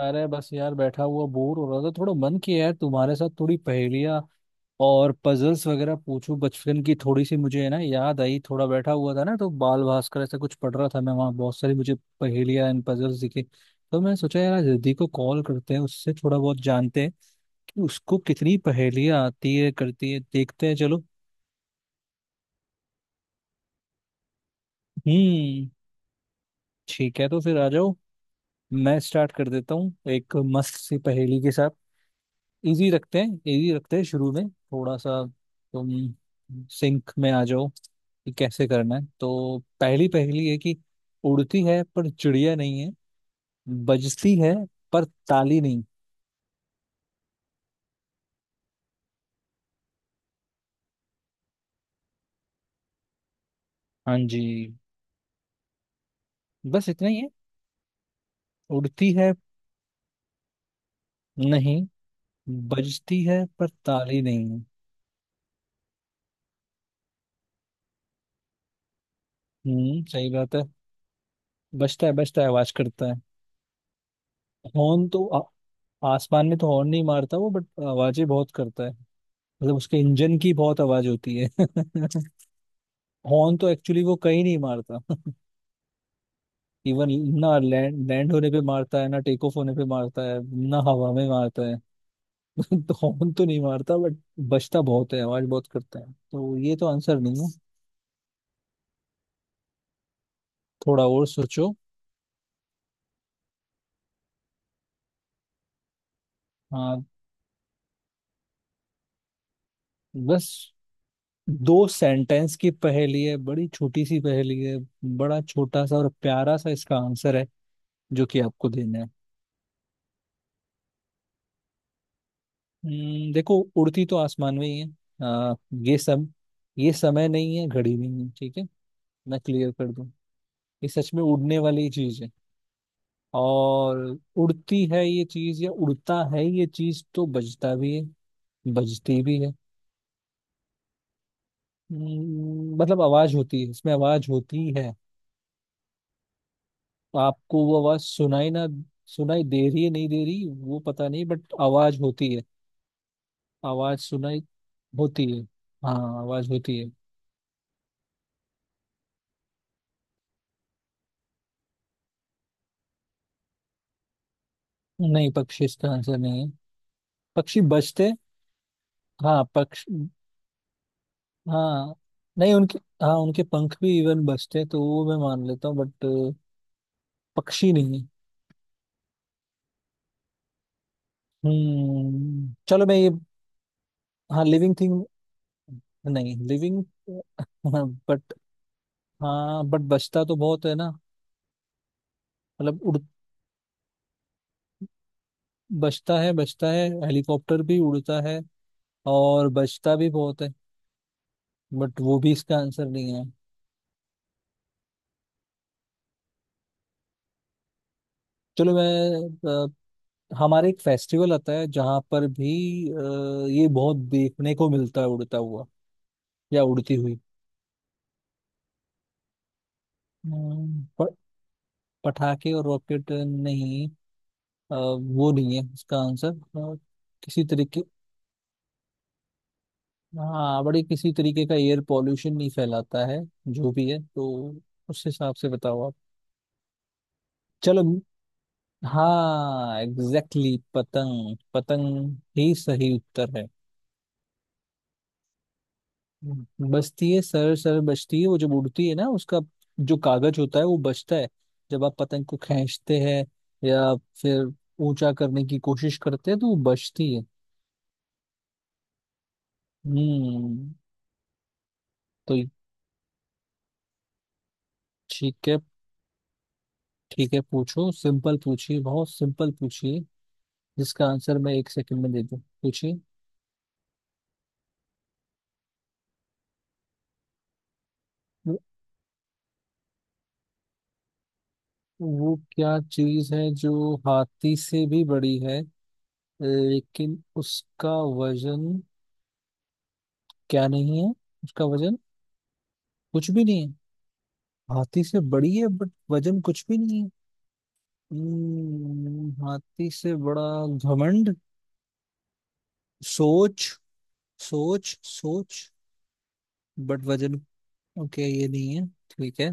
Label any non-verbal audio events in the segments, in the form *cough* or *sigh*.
अरे बस यार बैठा हुआ बोर हो रहा था, थोड़ा मन किया है तुम्हारे साथ थोड़ी पहेलियाँ और पजल्स वगैरह पूछूं। बचपन की थोड़ी सी मुझे है ना याद आई, थोड़ा बैठा हुआ था ना तो बाल भास्कर ऐसा कुछ पढ़ रहा था, मैं वहाँ बहुत सारी मुझे पहेलियाँ एंड पजल्स दिखे। तो मैं सोचा यार आज रिद्धि को कॉल करते हैं, उससे थोड़ा बहुत जानते हैं कि उसको कितनी पहेलियाँ आती है करती है, देखते हैं चलो। हम्म। ठीक है तो फिर आ जाओ। मैं स्टार्ट कर देता हूँ एक मस्त सी पहेली के साथ। इजी रखते हैं शुरू में थोड़ा सा। तुम सिंक में आ जाओ कि कैसे करना है। तो पहली पहली है कि उड़ती है पर चिड़िया नहीं है, बजती है पर ताली नहीं। हाँ जी। बस इतना ही है। उड़ती है। नहीं, बजती है पर ताली नहीं है। सही बात है। बजता है बजता है आवाज करता है। हॉर्न तो आ, आसमान में तो हॉर्न नहीं मारता वो बट आवाजें बहुत करता है। मतलब उसके इंजन की बहुत आवाज होती है। *laughs* हॉर्न तो एक्चुअली वो कहीं नहीं मारता। *laughs* इवन ना लैंड लैंड होने पे मारता है, ना टेक ऑफ होने पे मारता है, ना हवा में मारता है। *laughs* तो हॉर्न तो नहीं मारता बट बजता बहुत है आवाज बहुत करता है तो ये तो आंसर नहीं है। थोड़ा और सोचो। हाँ, बस दो सेंटेंस की पहेली है, बड़ी छोटी सी पहेली है। बड़ा छोटा सा और प्यारा सा इसका आंसर है, जो कि आपको देना है। देखो उड़ती तो आसमान में ही है। आ, ये सम ये समय नहीं है, घड़ी नहीं है, ठीक है। मैं क्लियर कर दूं। ये सच में उड़ने वाली चीज है। और उड़ती है ये चीज या उड़ता है ये चीज, तो बजता भी है बजती भी है। मतलब आवाज होती है, इसमें आवाज होती है। आपको वो आवाज सुनाई ना, सुनाई दे रही है नहीं दे रही वो पता नहीं बट आवाज होती है। आवाज सुनाई होती है, हाँ, आवाज होती है। नहीं, पक्षी इसका आंसर नहीं है। पक्षी बजते, हाँ पक्ष हाँ, नहीं, उनके पंख भी इवन बजते तो वो मैं मान लेता हूँ बट पक्षी नहीं। चलो मैं ये, हाँ, लिविंग थिंग। नहीं लिविंग बट, हाँ, बट बचता तो बहुत है ना। मतलब उड़ बचता है बचता है, हेलीकॉप्टर भी उड़ता है और बचता भी बहुत है, बट वो भी इसका आंसर नहीं है। चलो, हमारे एक फेस्टिवल आता है जहाँ पर भी ये बहुत देखने को मिलता है उड़ता हुआ या उड़ती हुई। हम्म, प- पटाखे और रॉकेट नहीं। वो नहीं है उसका आंसर। किसी तरीके, हाँ, बड़ी किसी तरीके का एयर पॉल्यूशन नहीं फैलाता है जो भी है, तो उस हिसाब से बताओ आप। चलो। हाँ एग्जैक्टली पतंग पतंग ही सही उत्तर है। बचती है, सर सर बचती है, वो जब उड़ती है ना उसका जो कागज होता है वो बचता है। जब आप पतंग को खींचते हैं या फिर ऊंचा करने की कोशिश करते हैं तो वो बचती है। हम्म। तो ठीक है, ठीक है, पूछो, सिंपल पूछिए, बहुत सिंपल पूछिए। जिसका आंसर मैं एक सेकंड में दे दूं, पूछिए। वो वो क्या चीज है जो हाथी से भी बड़ी है, लेकिन उसका वजन क्या नहीं है। उसका वजन कुछ भी नहीं है। हाथी से बड़ी है बट वजन कुछ भी नहीं है। हाथी से बड़ा घमंड, सोच, सोच सोच, बट वजन। ओके ये नहीं है, ठीक है।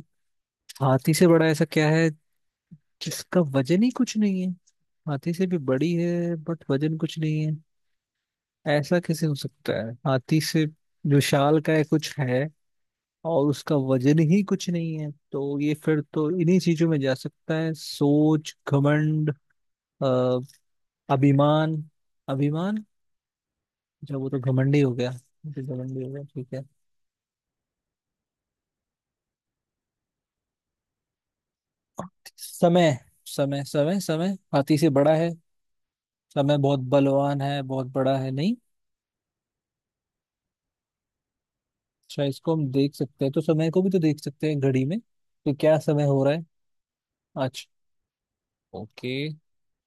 हाथी से बड़ा ऐसा क्या है जिसका वजन ही कुछ नहीं है। हाथी से भी बड़ी है बट वजन कुछ नहीं है, ऐसा कैसे हो सकता है। हाथी से जो शाल का है कुछ है और उसका वजन ही कुछ नहीं है, तो ये फिर तो इन्हीं चीजों में जा सकता है, सोच, घमंड, अ, अभिमान। अभिमान, जब वो तो घमंडी हो गया, वो तो घमंडी हो गया, ठीक है। समय समय समय समय, हाथी से बड़ा है समय, बहुत बलवान है, बहुत बड़ा है, नहीं। अच्छा, इसको हम देख सकते हैं तो समय को भी तो देख सकते हैं, घड़ी में तो क्या समय हो रहा है आज। ओके,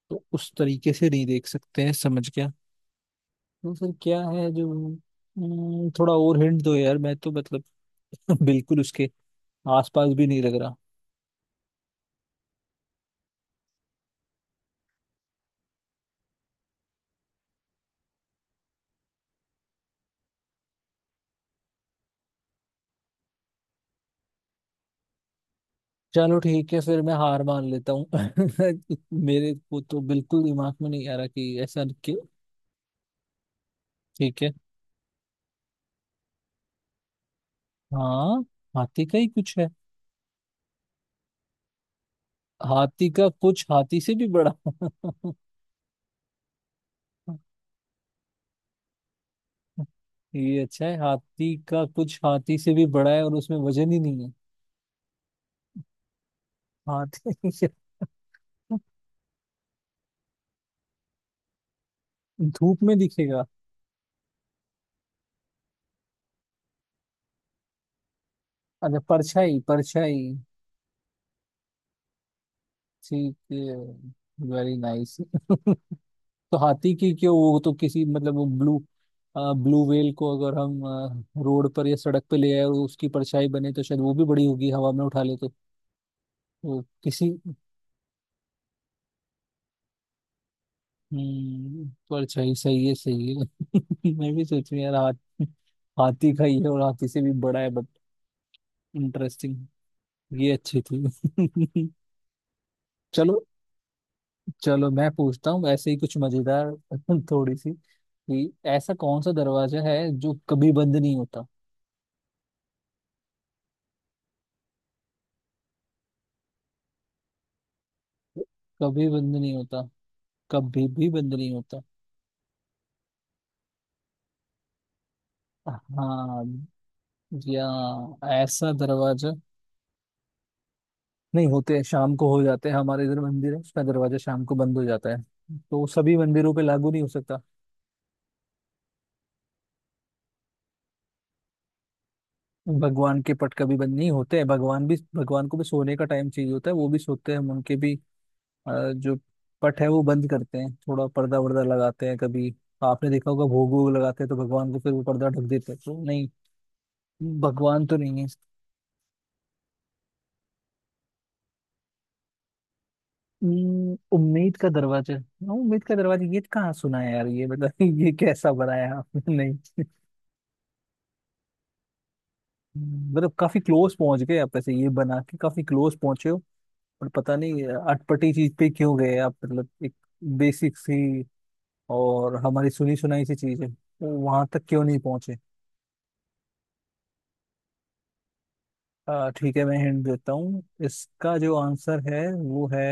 तो उस तरीके से नहीं देख सकते हैं, समझ गया। तो सर क्या है जो, थोड़ा और हिंट दो यार, मैं तो मतलब *laughs* बिल्कुल उसके आसपास भी नहीं लग रहा। चलो ठीक है, फिर मैं हार मान लेता हूँ। *laughs* मेरे को तो बिल्कुल दिमाग में नहीं आ रहा कि ऐसा क्यों। ठीक है। हाँ, हाथी का ही कुछ है, हाथी का कुछ हाथी से भी बड़ा। *laughs* ये अच्छा है, हाथी का कुछ हाथी से भी बड़ा है और उसमें वजन ही नहीं है। हाथी, *laughs* धूप में दिखेगा। अच्छा, परछाई परछाई। ठीक है, वेरी नाइस। *laughs* तो हाथी की क्यों, वो तो किसी, मतलब वो ब्लू, ब्लू व्हेल को अगर हम रोड पर या सड़क पे ले आए और उसकी परछाई बने तो शायद वो भी बड़ी होगी, हवा में उठा ले तो किसी। परछाई सही है, सही है। *laughs* मैं भी सोच रही यार, हाथी का ही है और हाथी से भी बड़ा है, इंटरेस्टिंग। ये अच्छी थी। *laughs* चलो। चलो मैं पूछता हूँ ऐसे ही कुछ मजेदार, *laughs* थोड़ी सी, कि ऐसा कौन सा दरवाजा है जो कभी बंद नहीं होता। कभी बंद नहीं होता, कभी भी बंद नहीं होता। हाँ, या ऐसा दरवाजा नहीं होते हैं, शाम को हो जाते हैं, हमारे इधर मंदिर है उसका दरवाजा शाम को बंद हो जाता है, तो सभी मंदिरों पे लागू नहीं हो सकता। भगवान के पट कभी बंद नहीं होते हैं, भगवान को भी सोने का टाइम चाहिए होता है, वो भी सोते हैं, उनके भी अ, जो पट है वो बंद करते हैं, थोड़ा पर्दा वर्दा लगाते हैं कभी। आपने देखा होगा, भोग वोग लगाते हैं तो भगवान को फिर वो पर्दा ढक देते हैं, तो नहीं, भगवान तो नहीं है। उम्मीद का दरवाजा, हाँ, उम्मीद का दरवाजा, ये कहाँ सुना है यार ये बता। *laughs* ये कैसा बनाया आपने, नहीं मतलब काफी क्लोज पहुंच गए आप, ऐसे ये बना के काफी क्लोज पहुंचे हो, पर पता नहीं अटपटी चीज पे क्यों गए आप। मतलब एक बेसिक सी और हमारी सुनी सुनाई सी चीज है, वहां तक क्यों नहीं पहुंचे। ठीक है, मैं हिंट देता हूँ, इसका जो आंसर है वो है,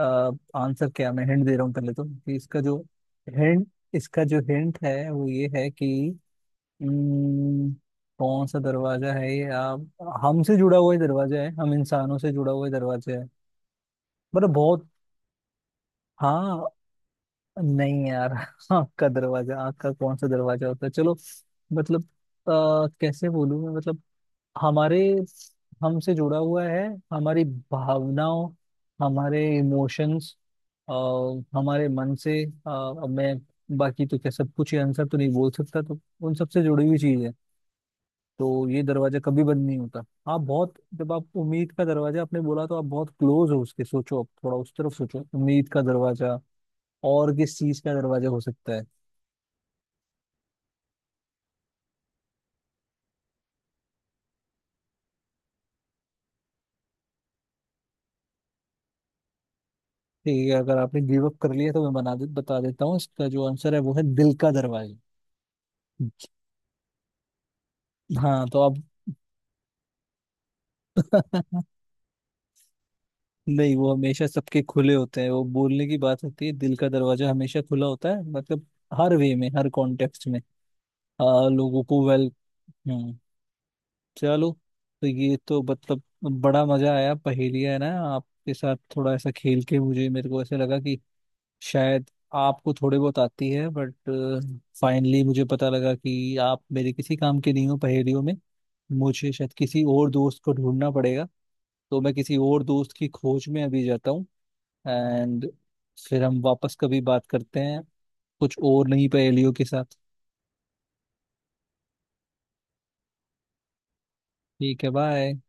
आंसर क्या, मैं हिंट दे रहा हूँ पहले, तो कि हिंट इसका जो हिंट है वो ये है कि, उम्म, कौन सा दरवाजा है ये आप, हमसे जुड़ा हुआ ही दरवाजा है, हम इंसानों से जुड़ा हुआ ही दरवाजा है, मतलब बहुत, हाँ। नहीं यार, *laughs* आँख का दरवाजा, आँख का कौन सा दरवाजा होता है, चलो मतलब, कैसे बोलूँ मैं, मतलब हमारे हमसे जुड़ा हुआ है, हमारी भावनाओं, हमारे इमोशंस, हमारे मन से। अब मैं बाकी तो क्या सब कुछ ही आंसर तो नहीं बोल सकता, तो उन सब से जुड़ी हुई चीज है, तो ये दरवाजा कभी बंद नहीं होता। आप बहुत जब आप उम्मीद का दरवाजा आपने बोला, तो आप बहुत क्लोज हो उसके, सोचो, आप थोड़ा उस तरफ सोचो, उम्मीद का दरवाजा और किस चीज का दरवाजा हो सकता है। ठीक है, अगर आपने गिव अप कर लिया तो मैं बता देता हूँ, इसका जो आंसर है वो है दिल का दरवाजा। हाँ तो आप, *laughs* नहीं वो हमेशा सबके खुले होते हैं, वो बोलने की बात होती है, दिल का दरवाजा हमेशा खुला होता है, मतलब हर वे में, हर कॉन्टेक्स्ट में। लोगों को वेल। हम्म। चलो। तो ये तो मतलब बड़ा मजा आया पहेलियाँ, है ना, आपके साथ थोड़ा ऐसा खेल के मुझे मेरे को ऐसा लगा कि शायद आपको थोड़े बहुत आती है, बट फाइनली मुझे पता लगा कि आप मेरे किसी काम के नहीं हो पहेलियों में। मुझे शायद किसी और दोस्त को ढूंढना पड़ेगा, तो मैं किसी और दोस्त की खोज में अभी जाता हूँ, एंड फिर हम वापस कभी बात करते हैं, कुछ और, नहीं पहेलियों के साथ। ठीक है, बाय।